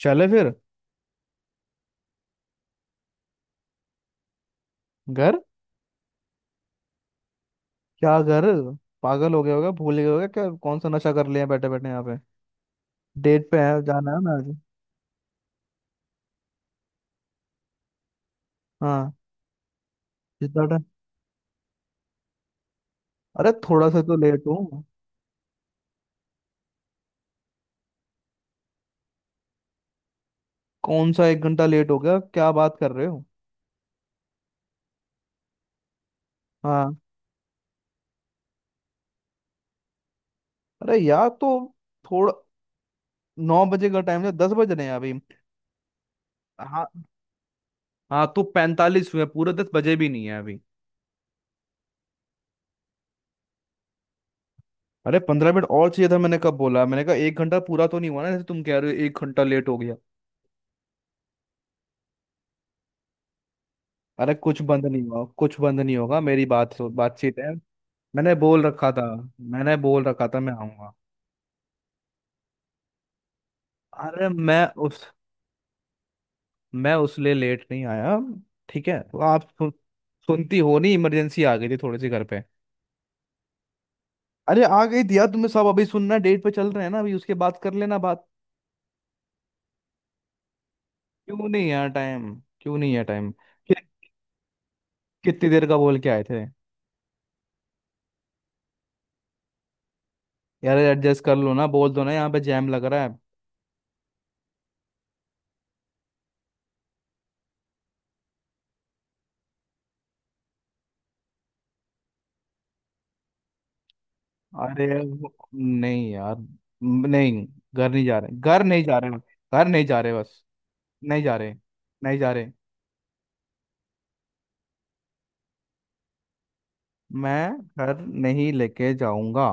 चले फिर। घर। क्या घर? पागल हो गया होगा भूल गया होगा क्या? कौन सा नशा कर लिया बैठे बैठे यहाँ पे। डेट पे है जाना है ना आज? हाँ। जितना टाइम। अरे थोड़ा सा तो लेट हूँ। कौन सा एक घंटा लेट हो गया? क्या बात कर रहे हो? हाँ। अरे यार तो थोड़ा 9 बजे का टाइम है, 10 बज रहे हैं अभी। हाँ। हाँ तो 45 हुए पूरे, 10 बजे भी नहीं है अभी। अरे 15 मिनट और चाहिए था मैंने कब बोला? मैंने कहा एक घंटा पूरा तो नहीं हुआ ना जैसे तुम कह रहे हो एक घंटा लेट हो गया। अरे कुछ बंद नहीं हुआ कुछ बंद नहीं होगा। मेरी बात बातचीत है। मैंने बोल रखा था मैंने बोल रखा था मैं आऊंगा। अरे मैं उस लिए लेट नहीं आया। ठीक है तो आप सुनती हो? नहीं इमरजेंसी आ गई थी थोड़ी सी घर पे। अरे आ गई थी यार, तुम्हें सब अभी सुनना है, डेट पे चल रहे हैं ना अभी, उसके बाद कर लेना बात। क्यों नहीं यार टाइम? क्यों नहीं है टाइम? कि, कितनी देर का बोल के आए थे? यार एडजस्ट कर लो ना बोल दो ना, यहाँ पे जैम लग रहा है। अरे नहीं यार। नहीं, घर नहीं जा रहे, घर नहीं जा रहे। घर नहीं जा रहे बस। नहीं जा रहे। नहीं जा रहे। मैं घर नहीं लेके जाऊंगा।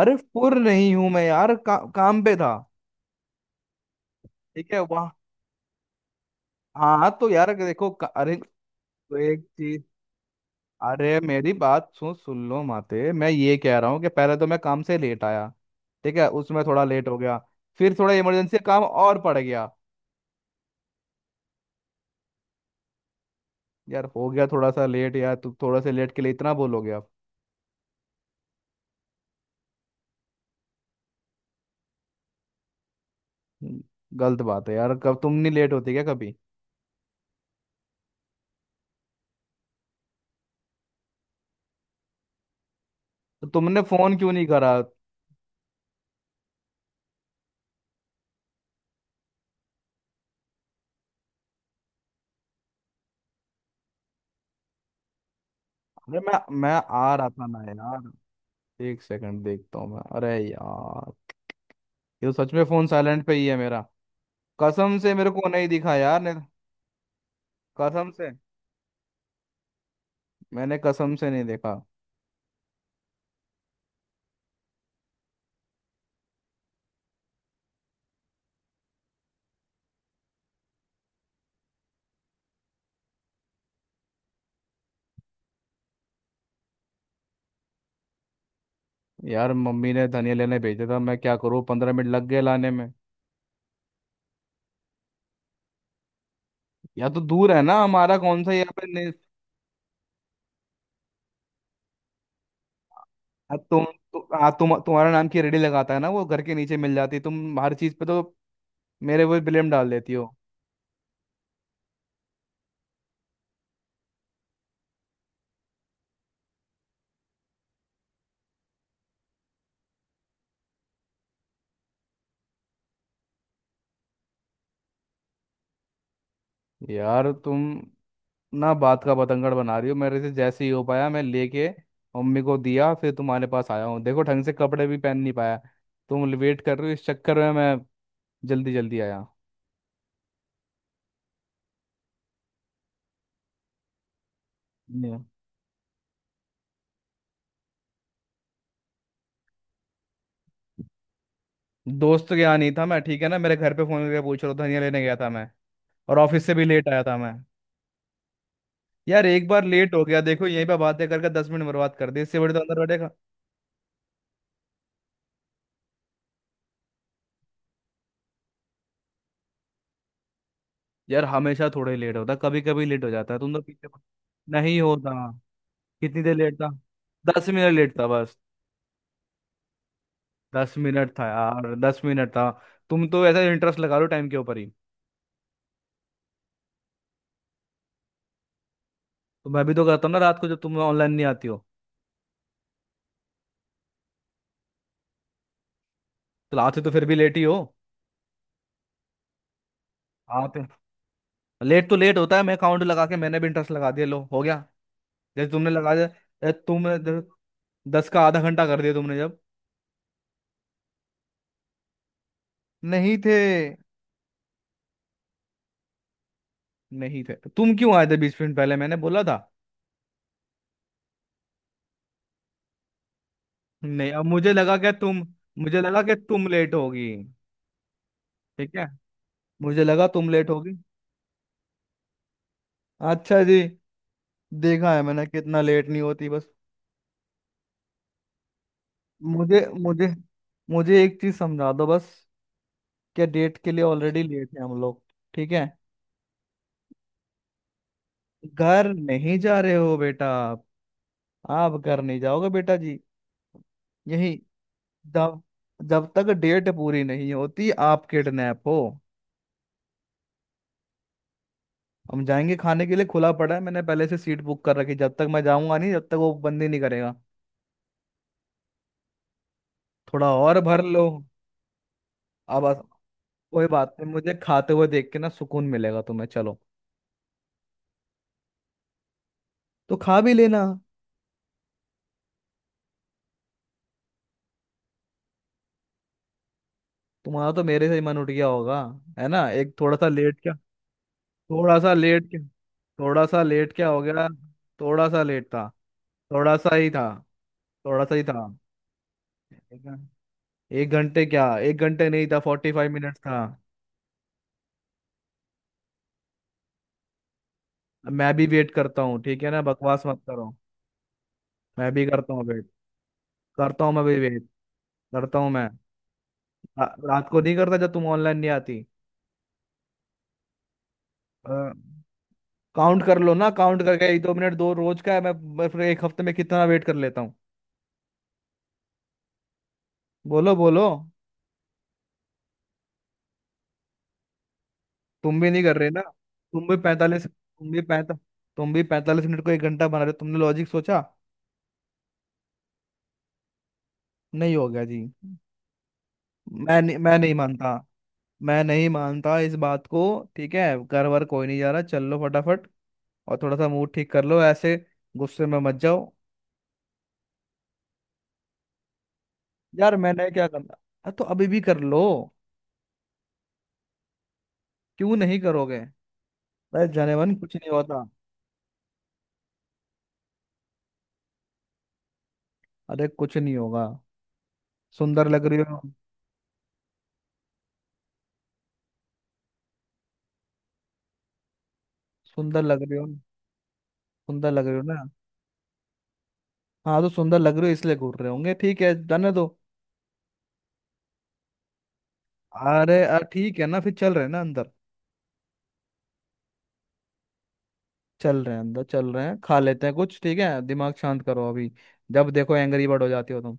अरे फुर नहीं हूं मैं यार, काम पे था। ठीक है वहाँ। हाँ तो यार देखो अरे, तो एक चीज। अरे मेरी बात सुन सुन लो माते, मैं ये कह रहा हूँ कि पहले तो मैं काम से लेट आया। ठीक है उसमें थोड़ा लेट हो गया। फिर थोड़ा इमरजेंसी काम और पड़ गया। यार हो गया थोड़ा सा लेट। यार तू थोड़ा से लेट के लिए इतना बोलोगे आप? हम्म, गलत बात है यार। कब तुम नहीं लेट होती क्या कभी? तो तुमने फोन क्यों नहीं करा? अरे मैं आ रहा था ना यार। एक सेकंड देखता हूँ मैं। अरे यार, ये तो सच में फोन साइलेंट पे ही है मेरा। कसम से मेरे को नहीं दिखा यार नहीं तो। कसम से मैंने कसम से नहीं देखा। यार मम्मी ने धनिया लेने भेजा था, मैं क्या करूँ 15 मिनट लग गए लाने में। या तो दूर है ना हमारा? कौन सा यहाँ पे नहीं। अब तुम तु, आ, तुम तुम्हारा नाम की रेडी लगाता है ना वो घर के नीचे मिल जाती। तुम हर चीज पे तो मेरे वो ब्लेम डाल देती हो। यार तुम ना बात का बतंगड़ बना रही हो मेरे से। जैसे ही हो पाया मैं लेके मम्मी को दिया फिर तुम्हारे पास आया हूँ। देखो ढंग से कपड़े भी पहन नहीं पाया। तुम वेट कर रहे हो इस चक्कर में मैं जल्दी जल्दी आया। Yeah। दोस्त के यहाँ नहीं था मैं, ठीक है ना? मेरे घर पे फोन करके पूछ रहा था, धनिया लेने गया था मैं। और ऑफिस से भी लेट आया था मैं। यार एक बार लेट हो गया, देखो यहीं पे बातें करके 10 मिनट बर्बाद कर दी। इससे बड़े तो अंदर बैठेगा। यार हमेशा थोड़े लेट होता, कभी कभी लेट हो जाता है। तुम तो पीछे नहीं होता। कितनी देर लेट था? 10 मिनट लेट था बस। 10 मिनट था यार, 10 मिनट था। तुम तो ऐसा इंटरेस्ट लगा लो टाइम के ऊपर ही। तो मैं भी तो करता हूँ ना, रात को जब तुम ऑनलाइन नहीं आती हो। तो आते तो फिर भी लेट ही हो आते। लेट तो लेट होता है। मैं काउंट लगा के मैंने भी इंटरेस्ट लगा दिया, लो हो गया। जैसे तुमने लगा दिया। ए, तुमने 10 का आधा घंटा कर दिया तुमने जब। नहीं थे। नहीं थे तो तुम क्यों आए थे? 20 मिनट पहले मैंने बोला था। नहीं, अब मुझे लगा क्या तुम? मुझे लगा कि तुम लेट होगी। ठीक है। मुझे लगा तुम लेट होगी। अच्छा जी। देखा है मैंने कितना लेट नहीं होती बस। मुझे मुझे मुझे एक चीज समझा दो बस। क्या डेट के लिए ऑलरेडी लेट है हम लोग? ठीक है। घर नहीं जा रहे हो बेटा आप। आप घर नहीं जाओगे बेटा जी। यही। जब जब तक डेट पूरी नहीं होती आप किडनैप हो। हम जाएंगे खाने के लिए, खुला पड़ा है, मैंने पहले से सीट बुक कर रखी। जब तक मैं जाऊंगा नहीं जब तक वो बंद ही नहीं करेगा। थोड़ा और भर लो। अब कोई बात नहीं, मुझे खाते हुए देख के ना सुकून मिलेगा तुम्हें, चलो। तो खा भी लेना। तुम्हारा तो मेरे से ही मन उठ गया होगा। है ना? एक थोड़ा सा लेट क्या? थोड़ा सा लेट क्या? थोड़ा सा लेट क्या हो गया? थोड़ा सा लेट था। थोड़ा सा ही था। थोड़ा सा ही था। एक घं- एक घंटे क्या? एक घंटे नहीं था, 45 मिनट था। अब मैं भी वेट करता हूँ ठीक है ना? बकवास मत करो। मैं भी करता हूँ वेट। करता हूँ मैं भी वेट। करता हूँ मैं। रात को नहीं करता जब तुम ऑनलाइन नहीं आती। काउंट कर लो ना, काउंट करके एक दो मिनट दो, रोज का है मैं। मैं फिर एक हफ्ते में कितना वेट कर लेता? बोलो बोलो। तुम भी नहीं कर रहे ना? तुम भी पैंतालीस तुम भी पैंता तुम भी 45 मिनट को एक घंटा बना रहे हो। तुमने लॉजिक सोचा? नहीं हो गया जी। मैं नहीं मानता। मैं नहीं मानता इस बात को। ठीक है, घर वर कोई नहीं जा रहा, चल लो फटाफट। और थोड़ा सा मूड ठीक कर लो। ऐसे गुस्से में मत जाओ। यार मैंने क्या करना। हाँ, तो अभी भी कर लो। क्यों नहीं करोगे? अरे जानेमन कुछ नहीं होता। अरे कुछ नहीं होगा। सुंदर लग रही हो। सुंदर लग रही हो। सुंदर लग रही हो ना। हाँ तो सुंदर लग रहे हो इसलिए घूर रहे होंगे, ठीक है जाने दो। अरे ठीक है ना? फिर चल रहे हैं ना अंदर। चल रहे हैं अंदर, चल रहे हैं खा लेते हैं कुछ। ठीक है दिमाग शांत करो अभी। जब देखो एंग्री बर्ड हो जाती हो तुम।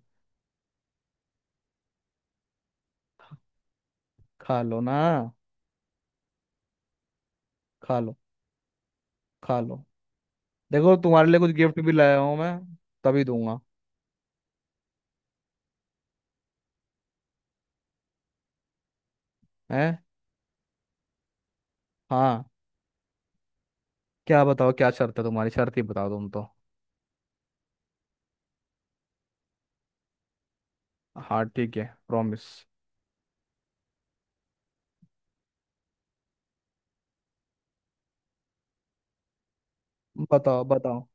खा लो ना। खा लो। खा लो। देखो तुम्हारे लिए कुछ गिफ्ट भी लाया हूँ मैं। तभी दूंगा। है। हाँ। क्या बताओ क्या शर्त है तुम्हारी? शर्त ही बताओ तुम तो। हाँ ठीक है, प्रॉमिस। बताओ बताओ।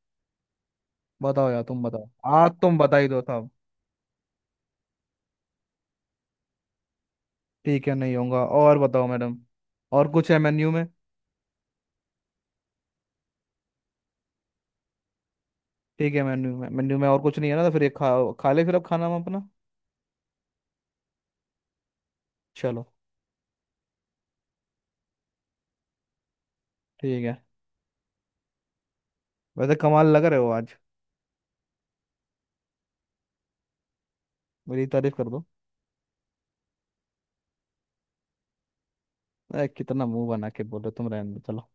बताओ यार तुम बताओ। आज तुम बता ही दो साहब। ठीक है नहीं होगा। और बताओ मैडम। और कुछ है मेन्यू में? ठीक है, मेन्यू में और कुछ नहीं है ना? तो फिर ये खा खा ले फिर, अब खाना हम अपना। चलो। ठीक है। वैसे कमाल लग रहे हो आज। मेरी तारीफ कर दो। ए, कितना मुंह बना के बोलो तुम, रहने दो चलो।